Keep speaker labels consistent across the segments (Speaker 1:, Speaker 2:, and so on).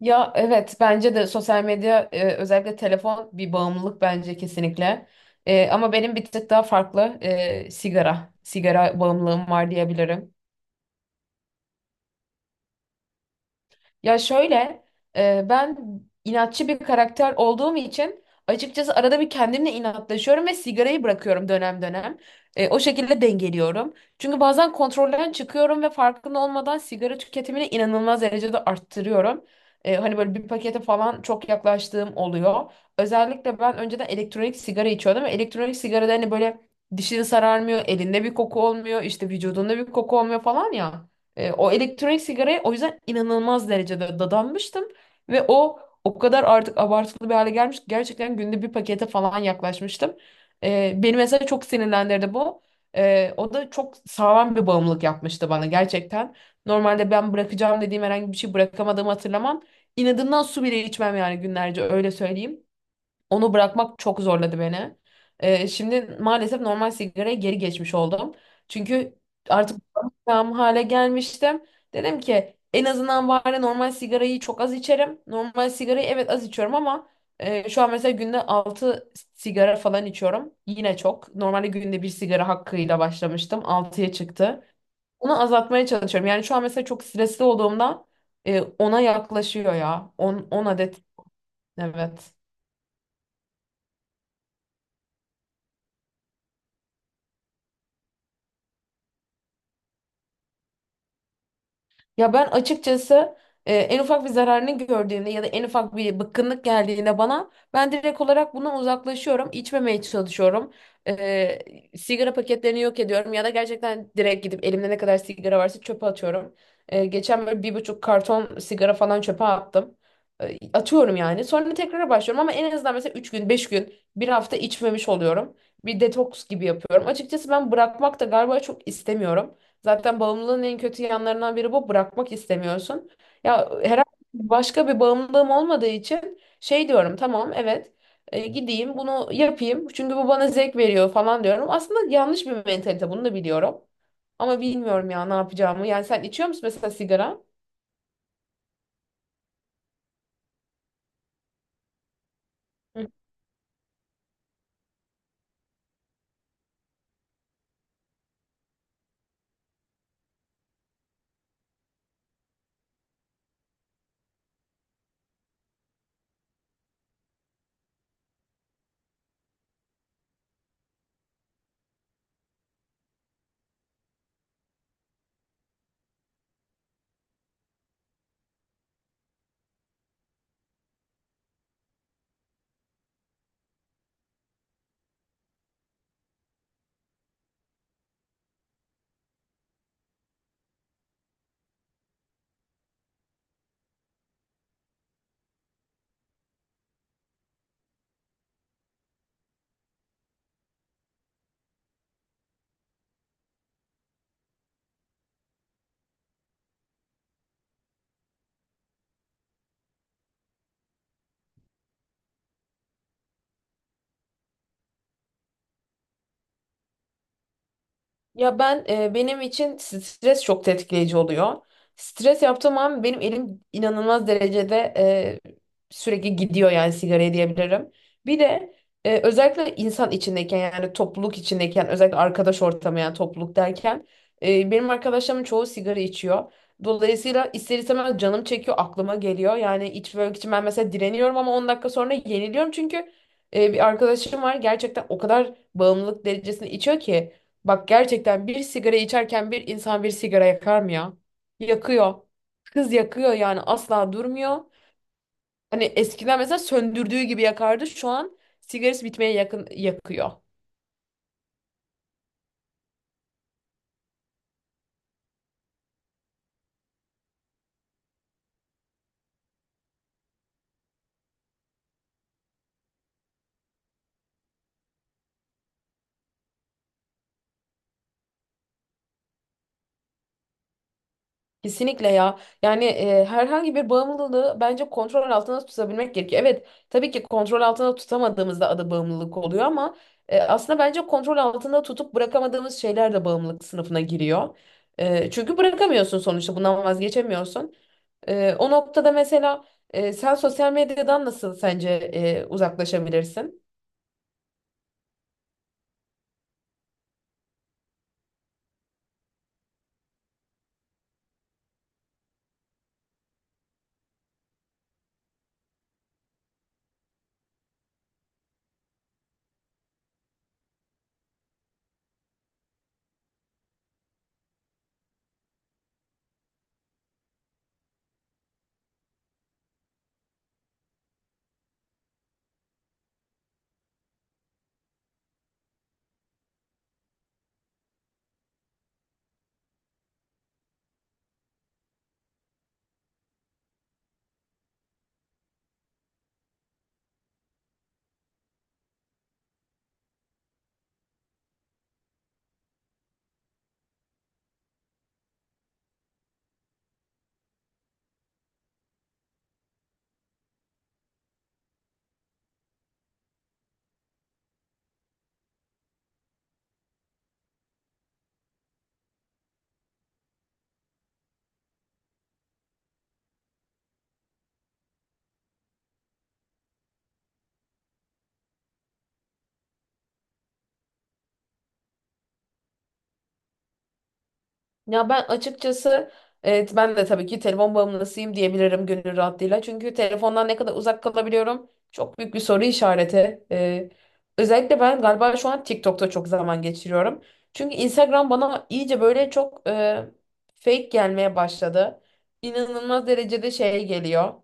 Speaker 1: Ya evet bence de sosyal medya özellikle telefon bir bağımlılık bence kesinlikle. Ama benim bir tık daha farklı, sigara. Sigara bağımlılığım var diyebilirim. Ya şöyle, ben inatçı bir karakter olduğum için açıkçası arada bir kendimle inatlaşıyorum ve sigarayı bırakıyorum dönem dönem. O şekilde dengeliyorum. Çünkü bazen kontrolden çıkıyorum ve farkında olmadan sigara tüketimini inanılmaz derecede arttırıyorum. Hani böyle bir pakete falan çok yaklaştığım oluyor. Özellikle ben önceden elektronik sigara içiyordum ve elektronik sigarada hani böyle dişini sararmıyor, elinde bir koku olmuyor, işte vücudunda bir koku olmuyor falan ya. O elektronik sigaraya o yüzden inanılmaz derecede dadanmıştım. Ve o kadar artık abartılı bir hale gelmiş ki gerçekten günde bir pakete falan yaklaşmıştım. Beni mesela çok sinirlendirdi bu. O da çok sağlam bir bağımlılık yapmıştı bana gerçekten. Normalde ben bırakacağım dediğim herhangi bir şey bırakamadığımı hatırlamam. İnadından su bile içmem yani günlerce öyle söyleyeyim. Onu bırakmak çok zorladı beni. Şimdi maalesef normal sigaraya geri geçmiş oldum. Çünkü artık tam hale gelmiştim. Dedim ki en azından bari normal sigarayı çok az içerim. Normal sigarayı evet az içiyorum ama şu an mesela günde 6 sigara falan içiyorum. Yine çok. Normalde günde bir sigara hakkıyla başlamıştım. Altıya çıktı. Onu azaltmaya çalışıyorum. Yani şu an mesela çok stresli olduğumda 10'a yaklaşıyor ya. 10 10 adet, evet. Ya ben açıkçası en ufak bir zararını gördüğümde ya da en ufak bir bıkkınlık geldiğinde bana ben direkt olarak bundan uzaklaşıyorum, içmemeye çalışıyorum. E, Sigara paketlerini yok ediyorum ya da gerçekten direkt gidip elimde ne kadar sigara varsa çöpe atıyorum. Geçen böyle bir buçuk karton sigara falan çöpe attım. Atıyorum yani. Sonra tekrar başlıyorum ama en azından mesela 3 gün, 5 gün, bir hafta içmemiş oluyorum. Bir detoks gibi yapıyorum. Açıkçası ben bırakmak da galiba çok istemiyorum. Zaten bağımlılığın en kötü yanlarından biri bu. Bırakmak istemiyorsun. Ya herhangi başka bir bağımlılığım olmadığı için şey diyorum, tamam evet, gideyim bunu yapayım. Çünkü bu bana zevk veriyor falan diyorum. Aslında yanlış bir mentalite, bunu da biliyorum. Ama bilmiyorum ya ne yapacağımı. Yani sen içiyor musun mesela sigara? Hı. Ya ben benim için stres çok tetikleyici oluyor. Stres yaptığım an benim elim inanılmaz derecede sürekli gidiyor yani sigaraya diyebilirim. Bir de özellikle insan içindeyken yani topluluk içindeyken, özellikle arkadaş ortamı yani topluluk derken benim arkadaşlarımın çoğu sigara içiyor. Dolayısıyla ister istemez canım çekiyor, aklıma geliyor. Yani içmek için ben mesela direniyorum ama 10 dakika sonra yeniliyorum çünkü bir arkadaşım var gerçekten o kadar bağımlılık derecesinde içiyor ki. Bak gerçekten bir sigara içerken bir insan bir sigara yakar mı ya? Yakıyor. Kız yakıyor yani, asla durmuyor. Hani eskiden mesela söndürdüğü gibi yakardı. Şu an sigarası bitmeye yakın yakıyor. Kesinlikle ya. Yani herhangi bir bağımlılığı bence kontrol altında tutabilmek gerekiyor. Evet, tabii ki kontrol altında tutamadığımızda adı bağımlılık oluyor ama aslında bence kontrol altında tutup bırakamadığımız şeyler de bağımlılık sınıfına giriyor. Çünkü bırakamıyorsun sonuçta, bundan vazgeçemiyorsun. O noktada mesela sen sosyal medyadan nasıl sence uzaklaşabilirsin? Ya ben açıkçası evet, ben de tabii ki telefon bağımlısıyım diyebilirim gönül rahatlığıyla. Çünkü telefondan ne kadar uzak kalabiliyorum çok büyük bir soru işareti. Özellikle ben galiba şu an TikTok'ta çok zaman geçiriyorum. Çünkü Instagram bana iyice böyle çok fake gelmeye başladı. İnanılmaz derecede şey geliyor,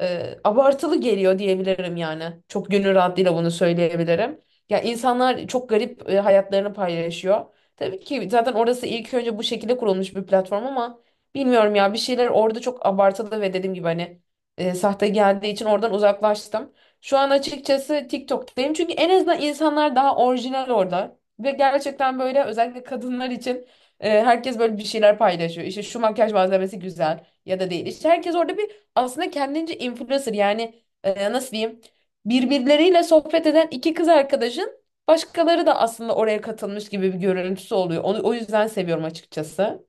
Speaker 1: abartılı geliyor diyebilirim yani. Çok gönül rahatlığıyla bunu söyleyebilirim. Ya insanlar çok garip hayatlarını paylaşıyor. Tabii ki zaten orası ilk önce bu şekilde kurulmuş bir platform ama bilmiyorum ya, bir şeyler orada çok abartılı ve dediğim gibi hani sahte geldiği için oradan uzaklaştım. Şu an açıkçası TikTok'tayım çünkü en azından insanlar daha orijinal orada. Ve gerçekten böyle özellikle kadınlar için herkes böyle bir şeyler paylaşıyor. İşte şu makyaj malzemesi güzel ya da değil. İşte herkes orada bir, aslında kendince influencer yani, nasıl diyeyim, birbirleriyle sohbet eden iki kız arkadaşın başkaları da aslında oraya katılmış gibi bir görüntüsü oluyor. Onu, o yüzden seviyorum açıkçası.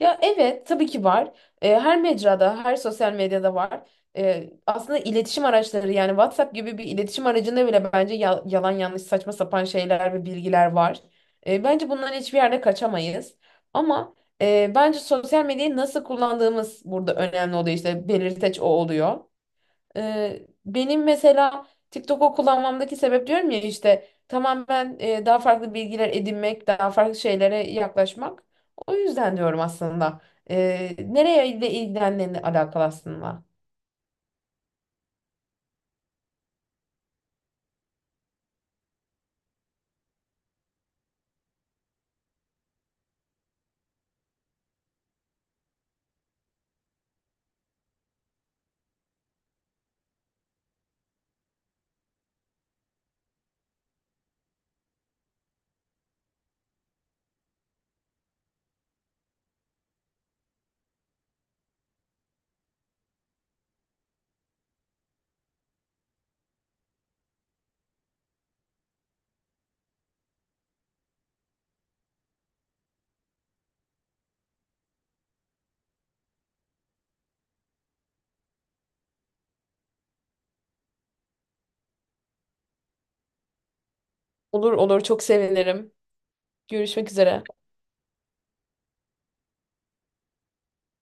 Speaker 1: Ya evet, tabii ki var. Her mecrada, her sosyal medyada var. Aslında iletişim araçları yani WhatsApp gibi bir iletişim aracında bile bence yalan yanlış saçma sapan şeyler ve bilgiler var. Bence bundan hiçbir yerde kaçamayız. Ama bence sosyal medyayı nasıl kullandığımız burada önemli oluyor, işte belirteç o oluyor. Benim mesela TikTok'u kullanmamdaki sebep diyorum ya, işte tamam ben daha farklı bilgiler edinmek, daha farklı şeylere yaklaşmak. O yüzden diyorum aslında. Nereye ile ilgilendiğini alakalı aslında. Olur olur, çok sevinirim. Görüşmek üzere.